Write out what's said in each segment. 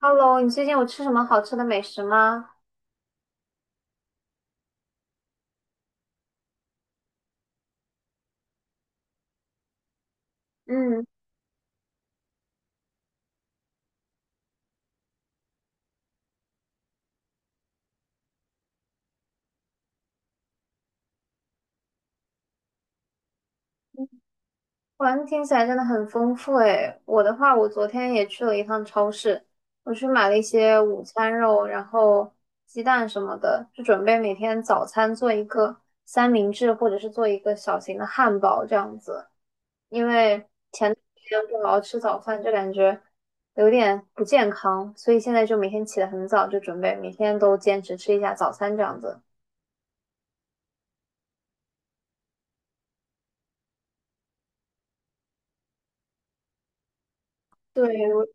Hello，你最近有吃什么好吃的美食吗？嗯，哇，听起来真的很丰富诶。我的话，我昨天也去了一趟超市，我去买了一些午餐肉，然后鸡蛋什么的，就准备每天早餐做一个三明治，或者是做一个小型的汉堡这样子。因为前段时间不好好吃早饭，就感觉有点不健康，所以现在就每天起得很早，就准备每天都坚持吃一下早餐这样子。对，我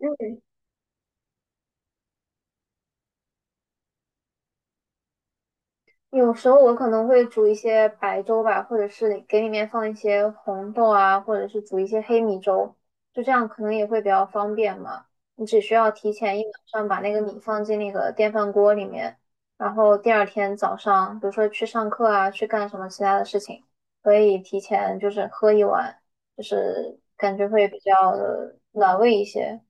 嗯。有时候我可能会煮一些白粥吧，或者是给里面放一些红豆啊，或者是煮一些黑米粥，就这样可能也会比较方便嘛。你只需要提前一晚上把那个米放进那个电饭锅里面，然后第二天早上，比如说去上课啊，去干什么其他的事情，可以提前就是喝一碗，就是感觉会比较的暖胃一些。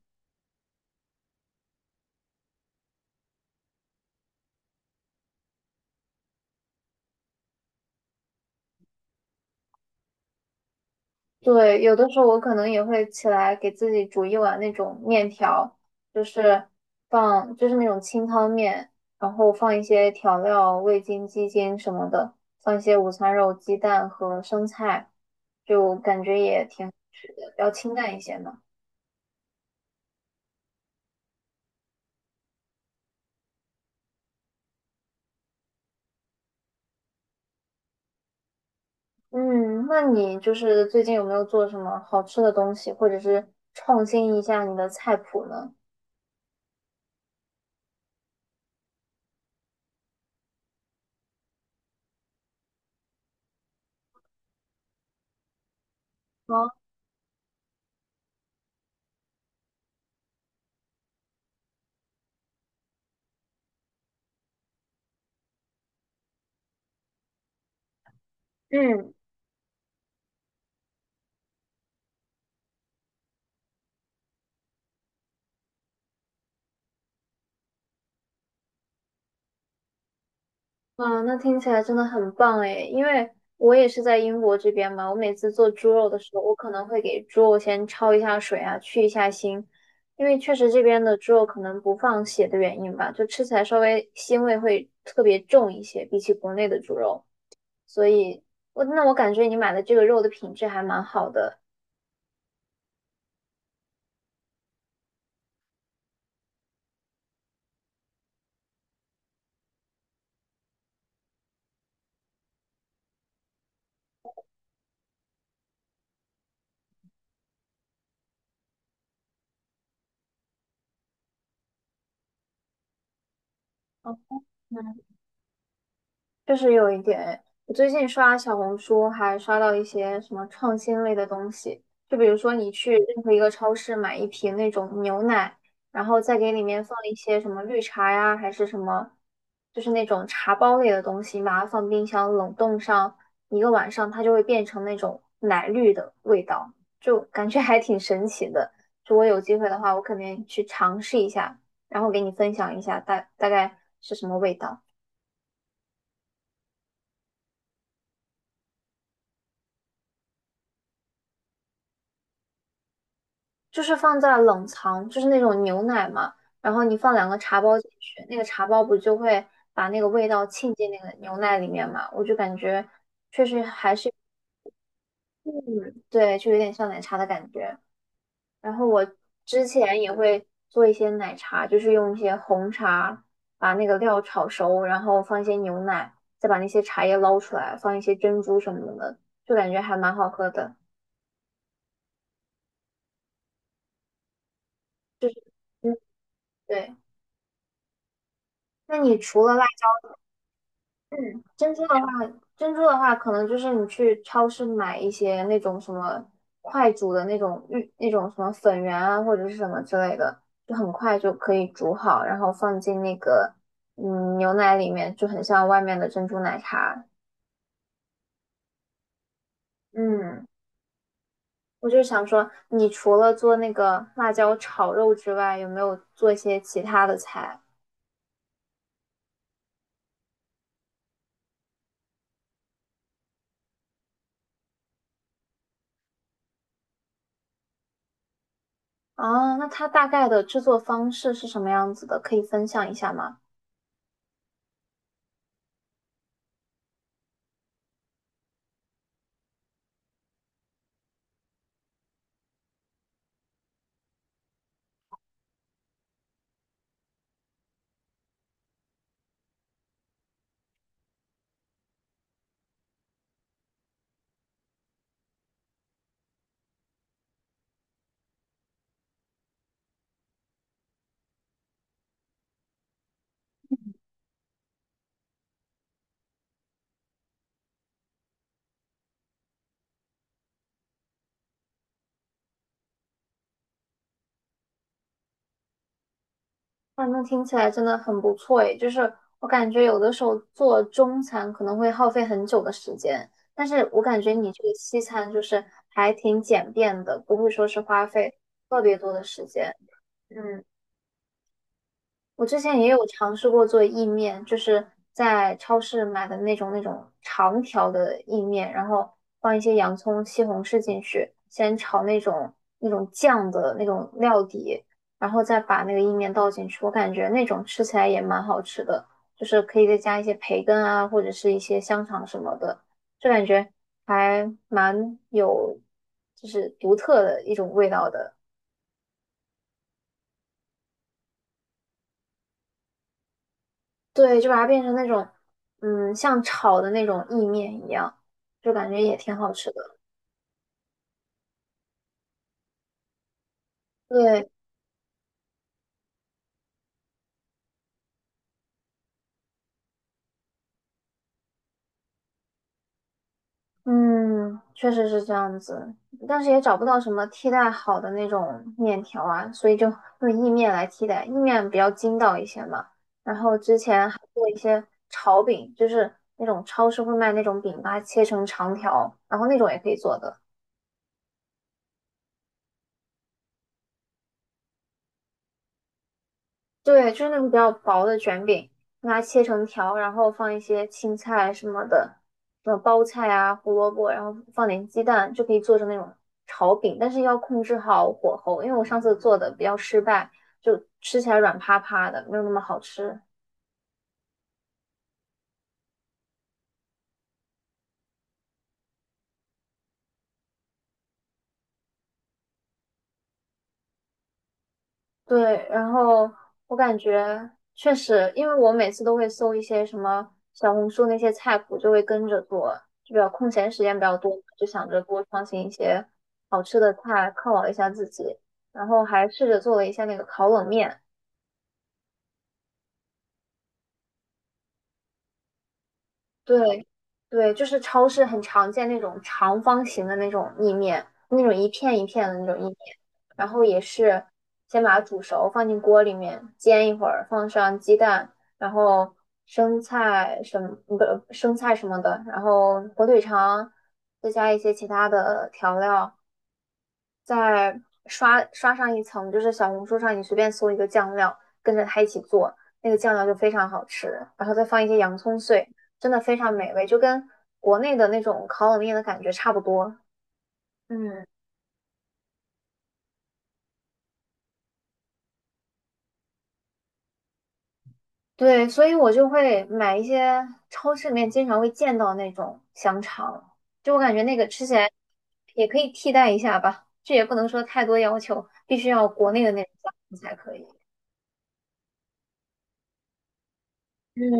对，有的时候我可能也会起来给自己煮一碗那种面条，就是放就是那种清汤面，然后放一些调料、味精、鸡精什么的，放一些午餐肉、鸡蛋和生菜，就感觉也挺好吃的，比较清淡一些嘛。嗯，那你就是最近有没有做什么好吃的东西，或者是创新一下你的菜谱呢？哦，嗯。啊，那听起来真的很棒诶，因为我也是在英国这边嘛，我每次做猪肉的时候，我可能会给猪肉先焯一下水啊，去一下腥，因为确实这边的猪肉可能不放血的原因吧，就吃起来稍微腥味会特别重一些，比起国内的猪肉，所以我那我感觉你买的这个肉的品质还蛮好的。哦，确实有一点诶。我最近刷小红书，还刷到一些什么创新类的东西，就比如说你去任何一个超市买一瓶那种牛奶，然后再给里面放一些什么绿茶呀，还是什么，就是那种茶包类的东西，把它放冰箱冷冻上一个晚上，它就会变成那种奶绿的味道，就感觉还挺神奇的。就我有机会的话，我肯定去尝试一下，然后给你分享一下大概是什么味道。就是放在冷藏，就是那种牛奶嘛，然后你放两个茶包进去，那个茶包不就会把那个味道沁进那个牛奶里面嘛？我就感觉，嗯，对，就有点像奶茶的感觉。然后我之前也会做一些奶茶，就是用一些红茶把那个料炒熟，然后放一些牛奶，再把那些茶叶捞出来，放一些珍珠什么的，就感觉还蛮好喝的。就是，嗯，对。那你除了嗯，珍珠的话，可能就是你去超市买一些那种什么快煮的那种玉那种什么粉圆啊，或者是什么之类的，就很快就可以煮好，然后放进那个嗯牛奶里面，就很像外面的珍珠奶茶。嗯，我就想说，你除了做那个辣椒炒肉之外，有没有做一些其他的菜？哦，那它大概的制作方式是什么样子的？可以分享一下吗？哇，那听起来真的很不错诶，就是我感觉有的时候做中餐可能会耗费很久的时间，但是我感觉你这个西餐就是还挺简便的，不会说是花费特别多的时间。嗯，我之前也有尝试过做意面，就是在超市买的那种长条的意面，然后放一些洋葱、西红柿进去，先炒那种酱的那种料底，然后再把那个意面倒进去。我感觉那种吃起来也蛮好吃的，就是可以再加一些培根啊，或者是一些香肠什么的，就感觉还蛮有就是独特的一种味道的。对，就把它变成那种，嗯，像炒的那种意面一样，就感觉也挺好吃的。对，嗯，确实是这样子，但是也找不到什么替代好的那种面条啊，所以就用意面来替代，意面比较筋道一些嘛。然后之前还做一些炒饼，就是那种超市会卖那种饼，把它切成长条，然后那种也可以做的。对，就是那种比较薄的卷饼，把它切成条，然后放一些青菜什么的，什么包菜啊、胡萝卜，然后放点鸡蛋，就可以做成那种炒饼。但是要控制好火候，因为我上次做的比较失败，就吃起来软趴趴的，没有那么好吃。对，然后我感觉确实，因为我每次都会搜一些什么小红书那些菜谱，就会跟着做，就比较空闲时间比较多，就想着多创新一些好吃的菜犒劳一下自己。然后还试着做了一下那个烤冷面，对，对，就是超市很常见那种长方形的那种意面，那种一片一片的那种意面，然后也是先把它煮熟，放进锅里面煎一会儿，放上鸡蛋，然后生菜什么，不，生菜什么的，然后火腿肠，再加一些其他的调料，再刷上一层，就是小红书上你随便搜一个酱料，跟着它一起做，那个酱料就非常好吃，然后再放一些洋葱碎，真的非常美味，就跟国内的那种烤冷面的感觉差不多。嗯，对，所以我就会买一些超市里面经常会见到那种香肠，就我感觉那个吃起来也可以替代一下吧，这也不能说太多要求，必须要国内的那种香肠才可以。嗯，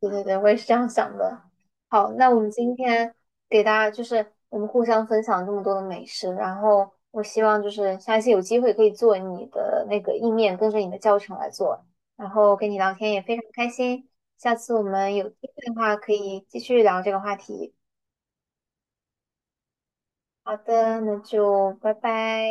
对对对，我也是这样想的。好，那我们今天给大家就是我们互相分享这么多的美食，然后我希望就是下一次有机会可以做你的那个意面，跟着你的教程来做。然后跟你聊天也非常开心，下次我们有机会的话可以继续聊这个话题。好的，那就拜拜。